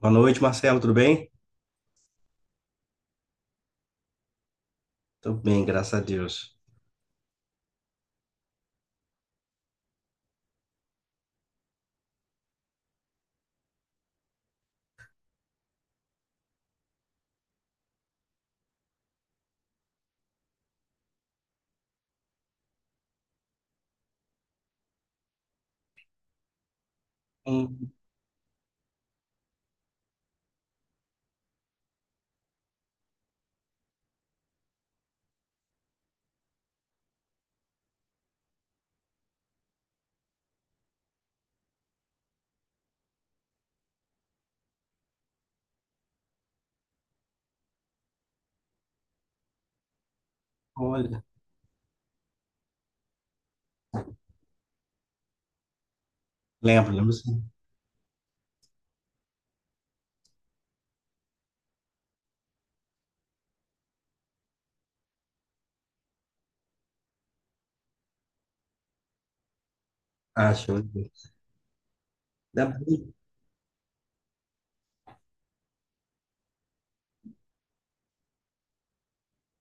Boa noite, Marcelo, tudo bem? Tudo bem, graças a Deus. Hum, olha, lembro sim. Ah, show de bola. Ainda bem-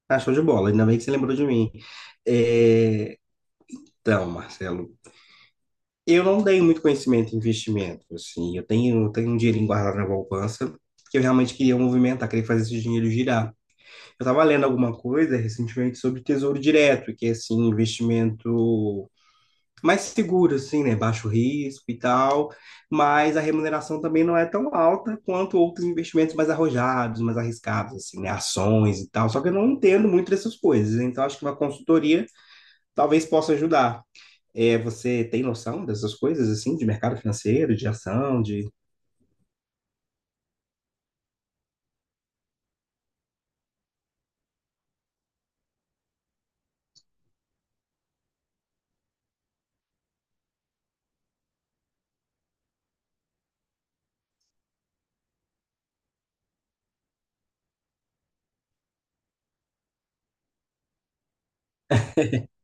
Ah, show de bola, ainda bem que você lembrou de mim. É, Então, Marcelo, eu não tenho muito conhecimento em investimento, assim, eu tenho um dinheirinho guardado na poupança, porque eu realmente queria movimentar, queria fazer esse dinheiro girar. Eu estava lendo alguma coisa recentemente sobre Tesouro Direto, que é, assim, investimento mais seguro, assim, né? Baixo risco e tal, mas a remuneração também não é tão alta quanto outros investimentos mais arrojados, mais arriscados, assim, né? Ações e tal. Só que eu não entendo muito dessas coisas, então acho que uma consultoria talvez possa ajudar. É, você tem noção dessas coisas, assim, de mercado financeiro, de ação, de.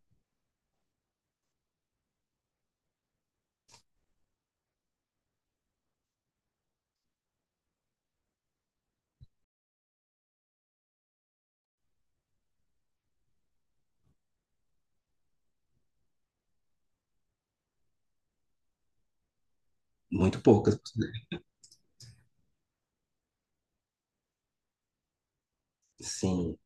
Muito poucas. Sim,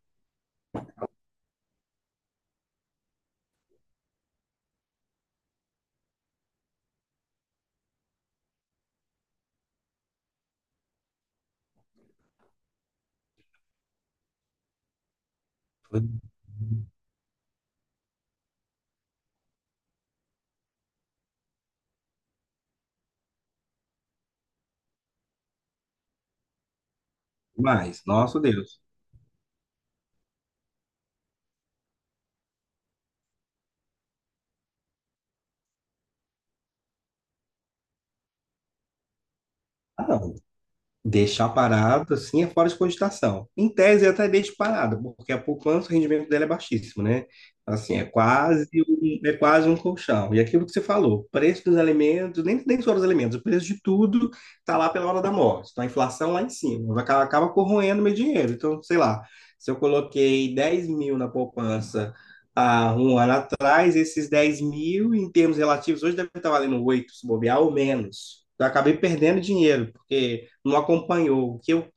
foi demais. Nosso Deus. Ah, não, deixar parado, assim, é fora de cogitação. Em tese, eu até deixo parado, porque a poupança, o rendimento dela é baixíssimo, né? Assim, é quase um colchão. E aquilo que você falou, preço dos alimentos, nem só dos alimentos, o preço de tudo está lá pela hora da morte. Então, a inflação lá em cima, acaba corroendo meu dinheiro. Então, sei lá, se eu coloquei 10 mil na poupança há um ano atrás, esses 10 mil, em termos relativos, hoje deve estar valendo 8 se bobear, ou menos. Eu acabei perdendo dinheiro, porque não acompanhou.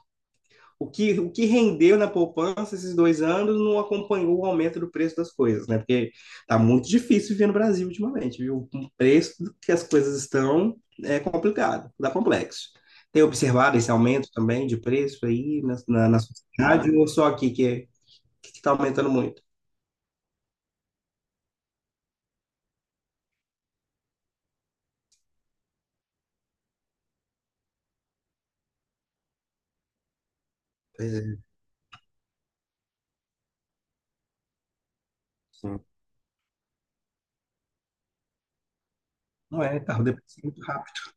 O que rendeu na poupança esses 2 anos não acompanhou o aumento do preço das coisas, né? Porque tá muito difícil viver no Brasil ultimamente, viu? O preço que as coisas estão é complicado, dá complexo. Tem observado esse aumento também de preço aí na sociedade ou só aqui que está aumentando muito? Pois é. Sim. Não é, carro deprecia muito rápido.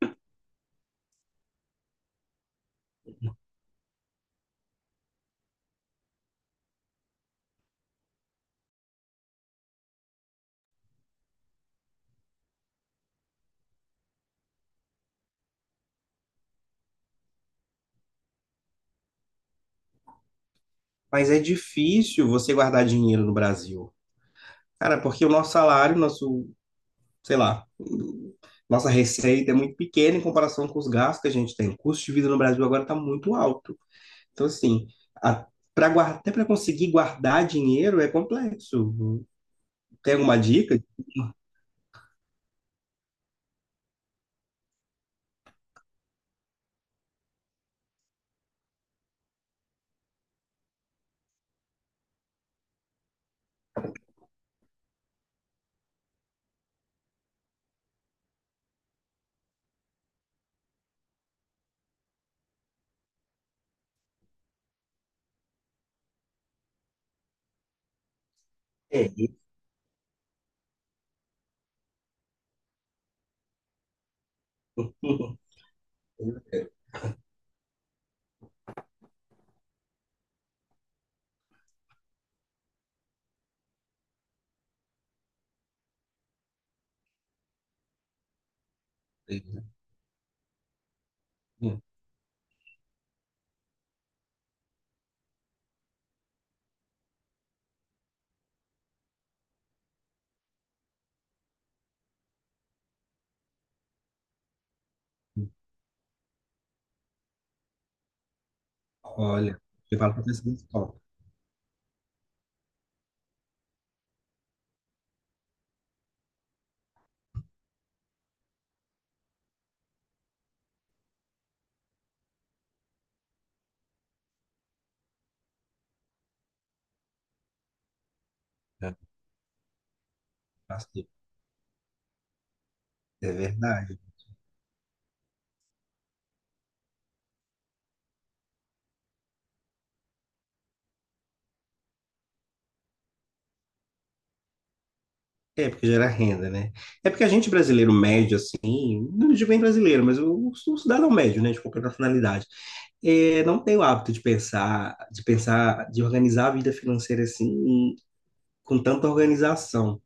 Mas é difícil você guardar dinheiro no Brasil. Cara, porque o nosso salário, nosso, sei lá, nossa receita é muito pequena em comparação com os gastos que a gente tem. O custo de vida no Brasil agora está muito alto. Então, assim, a, pra guardar, até para conseguir guardar dinheiro é complexo. Tem alguma dica? É, olha, eu falo para pessoas, ó, é verdade. É, porque gera renda, né? É porque a gente brasileiro médio, assim, não digo bem brasileiro, mas o cidadão médio, né, de qualquer nacionalidade, é, não tem o hábito de pensar, de organizar a vida financeira assim, com tanta organização.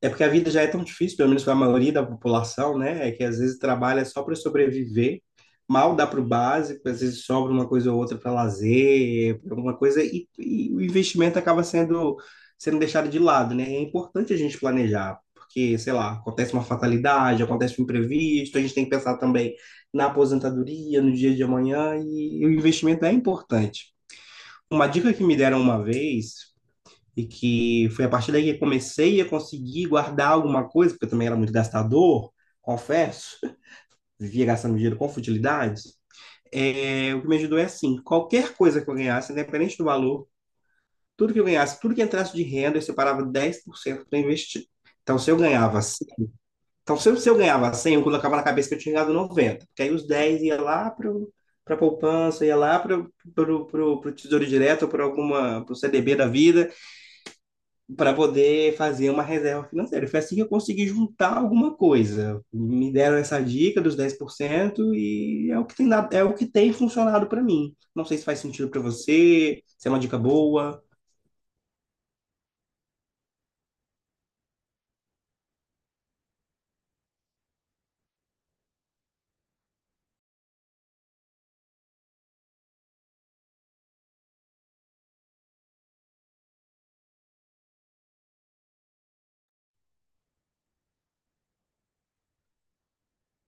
É porque a vida já é tão difícil, pelo menos para a maioria da população, né? É que às vezes trabalha só para sobreviver, mal dá para o básico, às vezes sobra uma coisa ou outra para lazer, pra alguma coisa, e o investimento sendo deixado de lado, né? É importante a gente planejar, porque, sei lá, acontece uma fatalidade, acontece um imprevisto, a gente tem que pensar também na aposentadoria, no dia de amanhã, e o investimento é importante. Uma dica que me deram uma vez e que foi a partir daí que eu comecei a conseguir guardar alguma coisa, porque eu também era muito gastador, confesso, vivia gastando dinheiro com futilidades. É, o que me ajudou é assim: qualquer coisa que eu ganhasse, independente do valor, tudo que eu ganhasse, tudo que entrasse de renda, eu separava 10% para investir. Então, se eu ganhava, cem, então se eu ganhava 100, eu colocava na cabeça que eu tinha ganhado 90 porque aí os 10 ia lá para poupança, ia lá para o Tesouro Direto ou para alguma para pro CDB da vida para poder fazer uma reserva financeira. Foi assim que eu consegui juntar alguma coisa. Me deram essa dica dos 10% e é o que tem dado, é o que tem funcionado para mim. Não sei se faz sentido para você, se é uma dica boa.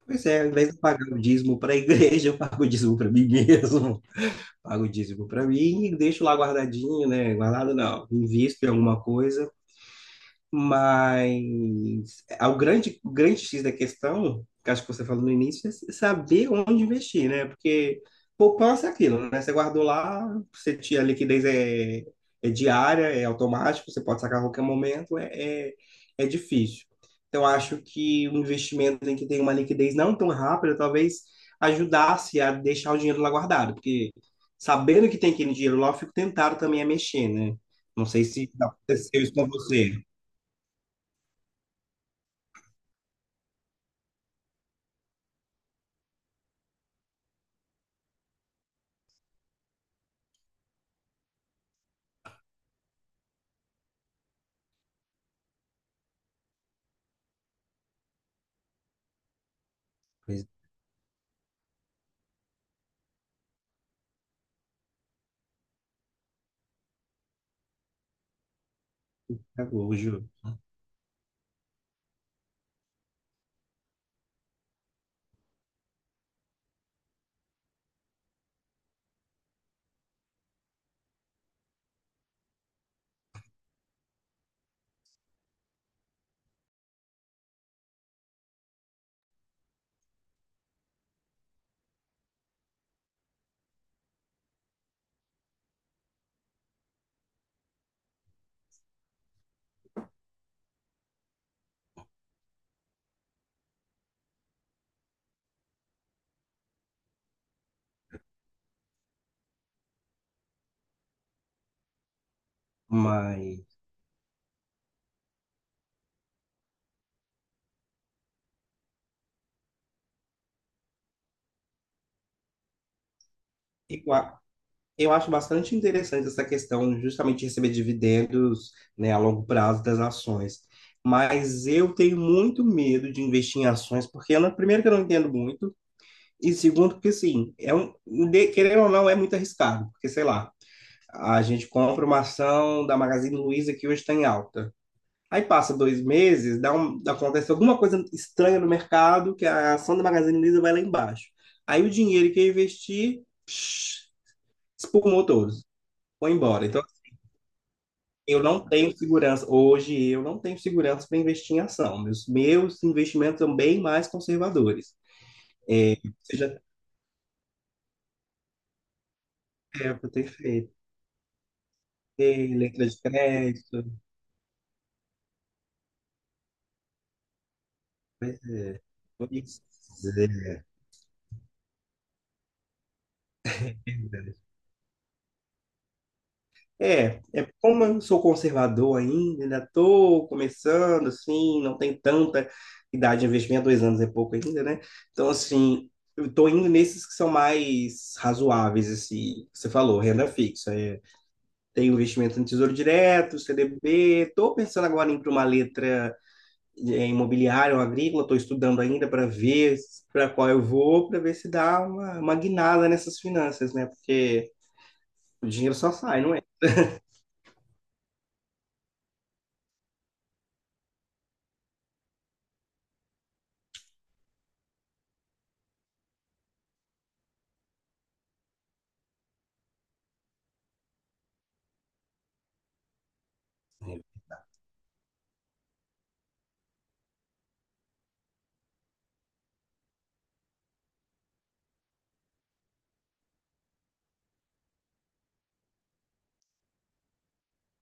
Pois é, ao invés de eu pagar o dízimo para a igreja, eu pago o dízimo para mim mesmo. Pago o dízimo para mim e deixo lá guardadinho, né? Guardado não. Invisto em alguma coisa. O grande X da questão, que acho que você falou no início, é saber onde investir, né? Porque poupança é aquilo, né? Você guardou lá, você tinha a liquidez é diária, é automático, você pode sacar a qualquer momento, é difícil. Então, acho que um investimento em que tem uma liquidez não tão rápida, talvez ajudasse a deixar o dinheiro lá guardado, porque sabendo que tem aquele dinheiro lá, eu fico tentado também a mexer, né? Não sei se aconteceu isso com você. Pois Hoje, mas eu, a- eu acho bastante interessante essa questão justamente de receber dividendos, né, a longo prazo das ações. Mas eu tenho muito medo de investir em ações, porque eu não- primeiro que eu não entendo muito, e segundo que assim, querendo ou não, é muito arriscado, porque sei lá, a gente compra uma ação da Magazine Luiza que hoje está em alta. Aí passa 2 meses, acontece alguma coisa estranha no mercado, que a ação da Magazine Luiza vai lá embaixo. Aí o dinheiro que eu investi, psh, espumou todos, foi embora. Então, assim, eu não tenho segurança, hoje eu não tenho segurança para investir em ação. Meus investimentos são bem mais conservadores. Seja tempo, ter feito, ter letra de crédito, pois é, é, é como eu sou conservador ainda, ainda estou começando, assim, não tem tanta idade de investimento, 2 anos é pouco ainda, né? Então, assim, eu estou indo nesses que são mais razoáveis, assim, que você falou, renda fixa. É, tem investimento no Tesouro Direto, CDB, estou pensando agora em ir para uma letra é, imobiliária ou agrícola, estou estudando ainda para ver para qual eu vou, para ver se dá uma guinada nessas finanças, né? Porque o dinheiro só sai, não é?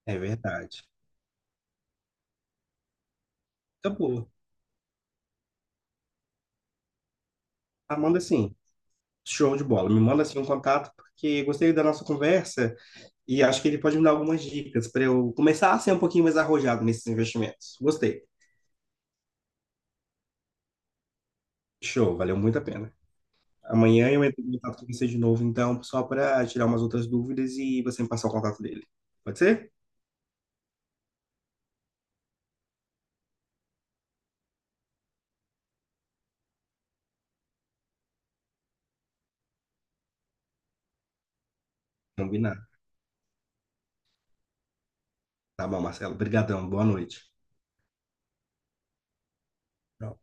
É verdade. Acabou. Amanda, assim, show de bola. Me manda, assim, um contato, porque gostei da nossa conversa e acho que ele pode me dar algumas dicas para eu começar a ser um pouquinho mais arrojado nesses investimentos. Gostei. Show, valeu muito a pena. Amanhã eu entro em contato com você de novo, então, só para tirar umas outras dúvidas e você me passar o contato dele. Pode ser? Combinado. Tá bom, Marcelo. Obrigadão. Boa noite. Tchau.